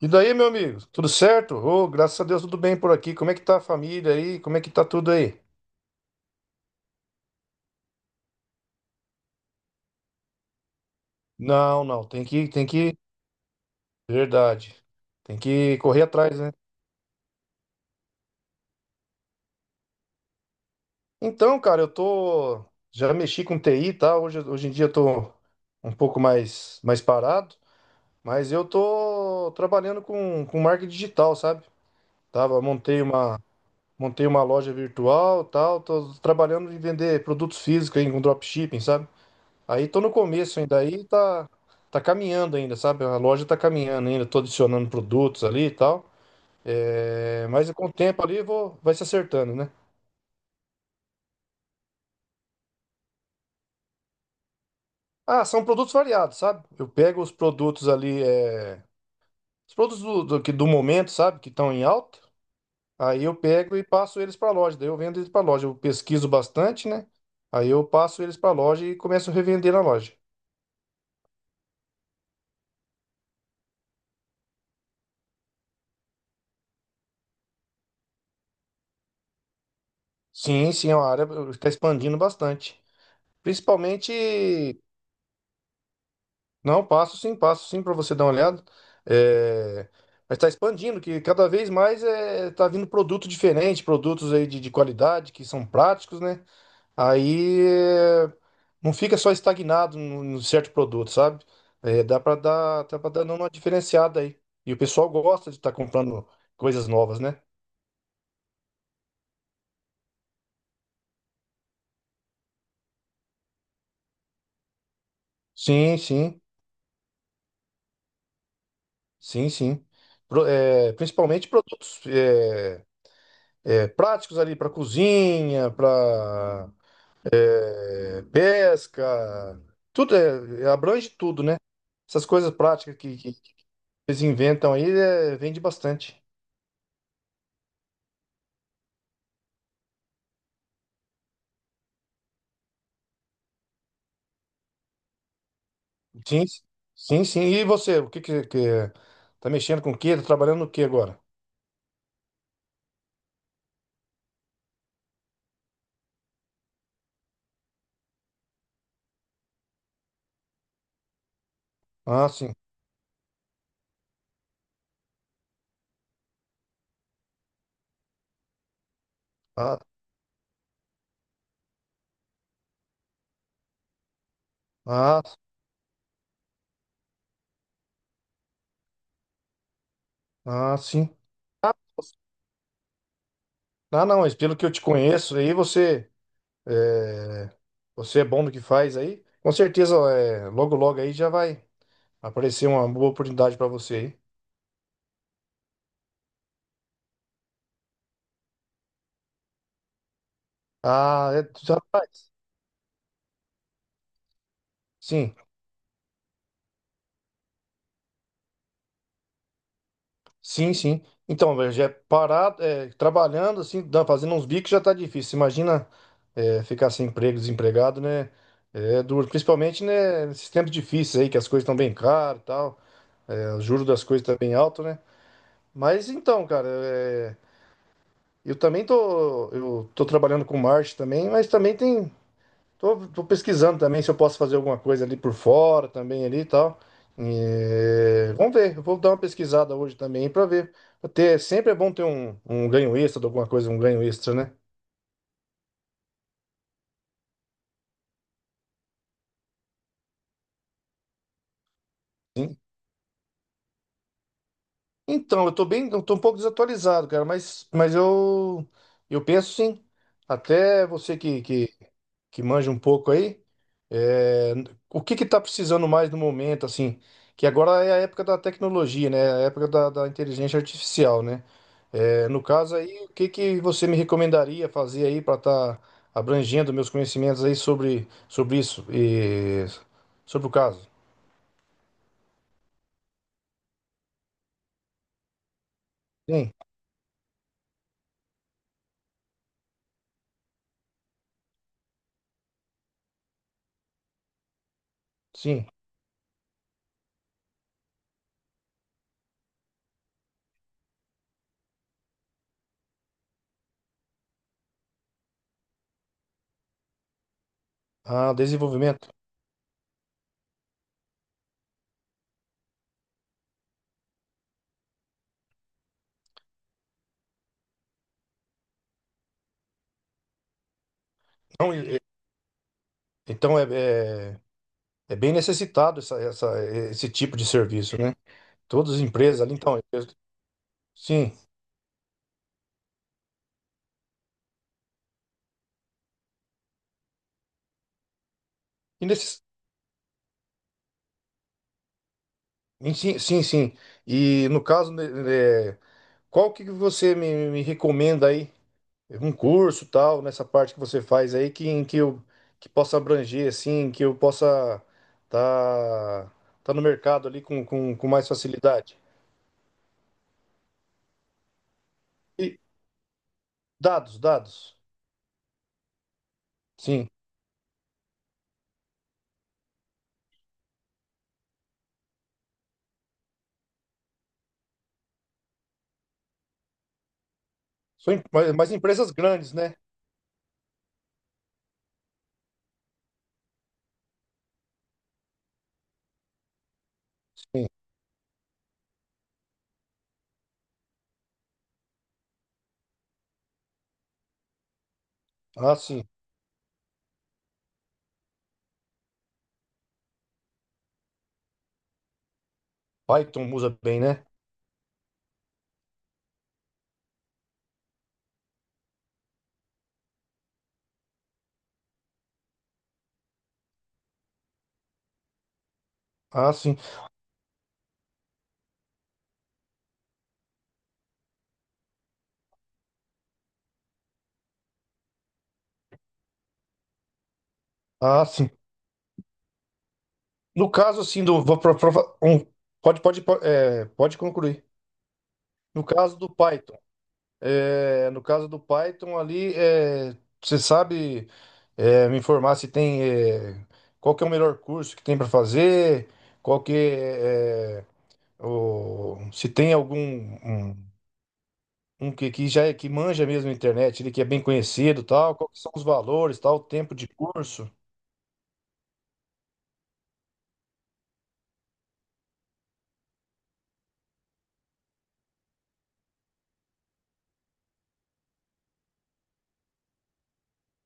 E daí, meu amigo, tudo certo? Ô, graças a Deus, tudo bem por aqui. Como é que tá a família aí? Como é que tá tudo aí? Não, não, tem que, verdade. Tem que correr atrás, né? Então, cara, eu tô já mexi com TI, tá? Hoje em dia eu tô um pouco mais parado, mas eu tô trabalhando com marketing digital, sabe? Tava montei uma loja virtual, tal, tô trabalhando em vender produtos físicos aí com dropshipping, sabe? Aí tô no começo ainda, tá caminhando ainda, sabe? A loja tá caminhando ainda, tô adicionando produtos ali e tal. É, mas com o tempo ali vai se acertando, né? Ah, são produtos variados, sabe? Eu pego os produtos ali, os produtos do momento, sabe? Que estão em alta. Aí eu pego e passo eles para loja, daí eu vendo eles para loja. Eu pesquiso bastante, né? Aí eu passo eles para loja e começo a revender na loja. Sim, sim, é uma área que está expandindo bastante. Principalmente. Não, passo sim para você dar uma olhada. É, mas está expandindo, que cada vez mais tá vindo produto diferente, produtos aí de qualidade, que são práticos, né? Aí é, não fica só estagnado num certo produto, sabe? É, dá para dar uma diferenciada aí. E o pessoal gosta de estar comprando coisas novas, né? Sim, sim, sim, sim. Principalmente produtos, é, práticos ali para cozinha, para pesca, é, abrange tudo, né? Essas coisas práticas que eles inventam aí, é, vende bastante. Sim, sim, sim. E você, o que tá mexendo com o quê? Tá trabalhando no quê agora? Ah, sim. Ah, ah, ah, sim. Ah, ah, não, mas pelo que eu te conheço aí, é, você é bom no que faz aí. Com certeza, é, logo aí já vai aparecer uma boa oportunidade para você aí. Ah, é, já vai. Sim. Sim, sim. Então, velho, já é parado, é, trabalhando, assim, fazendo uns bicos já tá difícil. Imagina, é, ficar sem emprego, desempregado, né? É duro, principalmente, né, nesses tempos difíceis aí, que as coisas estão bem caras e tal, é, o juro das coisas tá bem alto, né? Mas então, cara, é, eu tô trabalhando com marketing também, mas também tem. Tô pesquisando também se eu posso fazer alguma coisa ali por fora também ali e tal. É, vamos ver, eu vou dar uma pesquisada hoje também para ver. Até sempre é bom ter um ganho extra de alguma coisa, um ganho extra, né? Sim. Então, eu tô um pouco desatualizado, cara, mas eu penso sim. Até você que manja um pouco aí. É, o que que tá precisando mais no momento, assim? Que agora é a época da tecnologia, né? A época da inteligência artificial, né? É, no caso aí, o que que você me recomendaria fazer aí para estar abrangendo meus conhecimentos aí sobre isso e sobre o caso? Sim, sim. Ah, desenvolvimento. Então, e- e- então é, é bem necessitado esse tipo de serviço, né? Todas as empresas ali, sim. E nesse, Em Sim, sim, sim. E no caso, né, é, qual que você me recomenda aí? Um curso tal, nessa parte que você faz aí, que possa abranger, assim, que eu possa tá, tá no mercado ali com, com mais facilidade. E dados, dados. Sim. São, mas empresas grandes, né? Sim. Ah, sim. Python usa bem, né? Ah, sim. Ah, sim. No caso, assim, do. Vou pro- pro- Um, pode, pode, po- é, pode concluir. No caso do Python. É, no caso do Python ali, é, você sabe é, me informar se tem é, qual que é o melhor curso que tem para fazer, qual que é, é, o, se tem algum um que já é que manja mesmo a internet, ele que é bem conhecido, e tal, qual que são os valores, tal, o tempo de curso.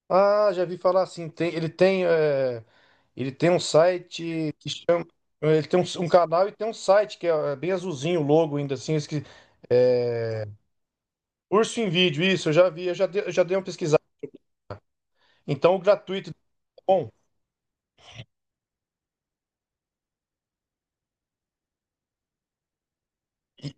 Ah, já vi falar assim, tem, ele tem um site que chama ele tem um, um canal e tem um site que é, é bem azulzinho o logo ainda assim, é, Curso em Vídeo, isso, eu já vi, eu já dei uma pesquisada. Então, o gratuito, tá bom. e-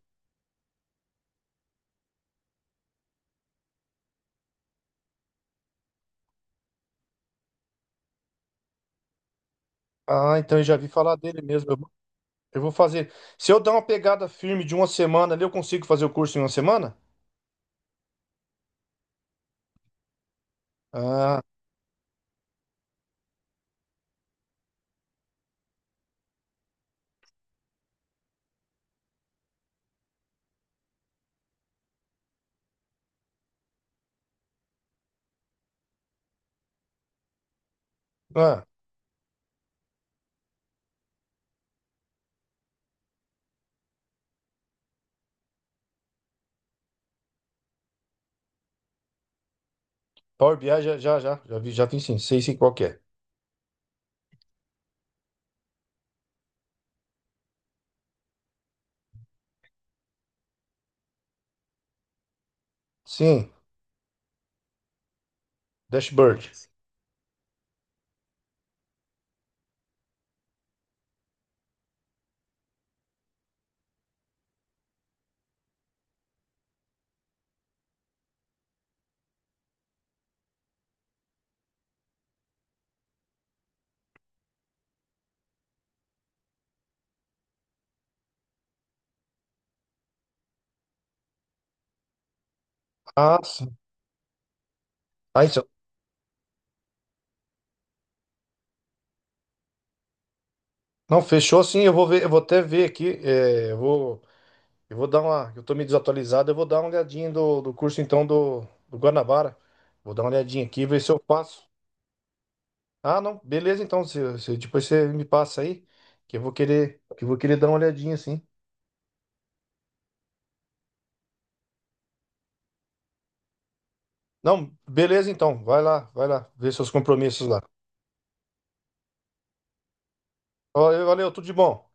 Ah, então eu já vi falar dele mesmo. Eu vou fazer. Se eu dar uma pegada firme de uma semana ali, eu consigo fazer o curso em uma semana? Ah, ah, Power BI já, já, já, já vi sim, sei sim qual que é. Sim, dashboard. Ah, sim. Ah, isso. Não, fechou sim, eu vou até ver aqui, eu vou dar uma, eu tô meio desatualizado, eu vou dar uma olhadinha do curso então do Guanabara. Vou dar uma olhadinha aqui, ver se eu passo. Ah, não. Beleza, então. Depois você me passa aí, que eu vou querer dar uma olhadinha, assim. Não, beleza, então. Vai lá, vai lá. Vê seus compromissos lá. Valeu, valeu, tudo de bom.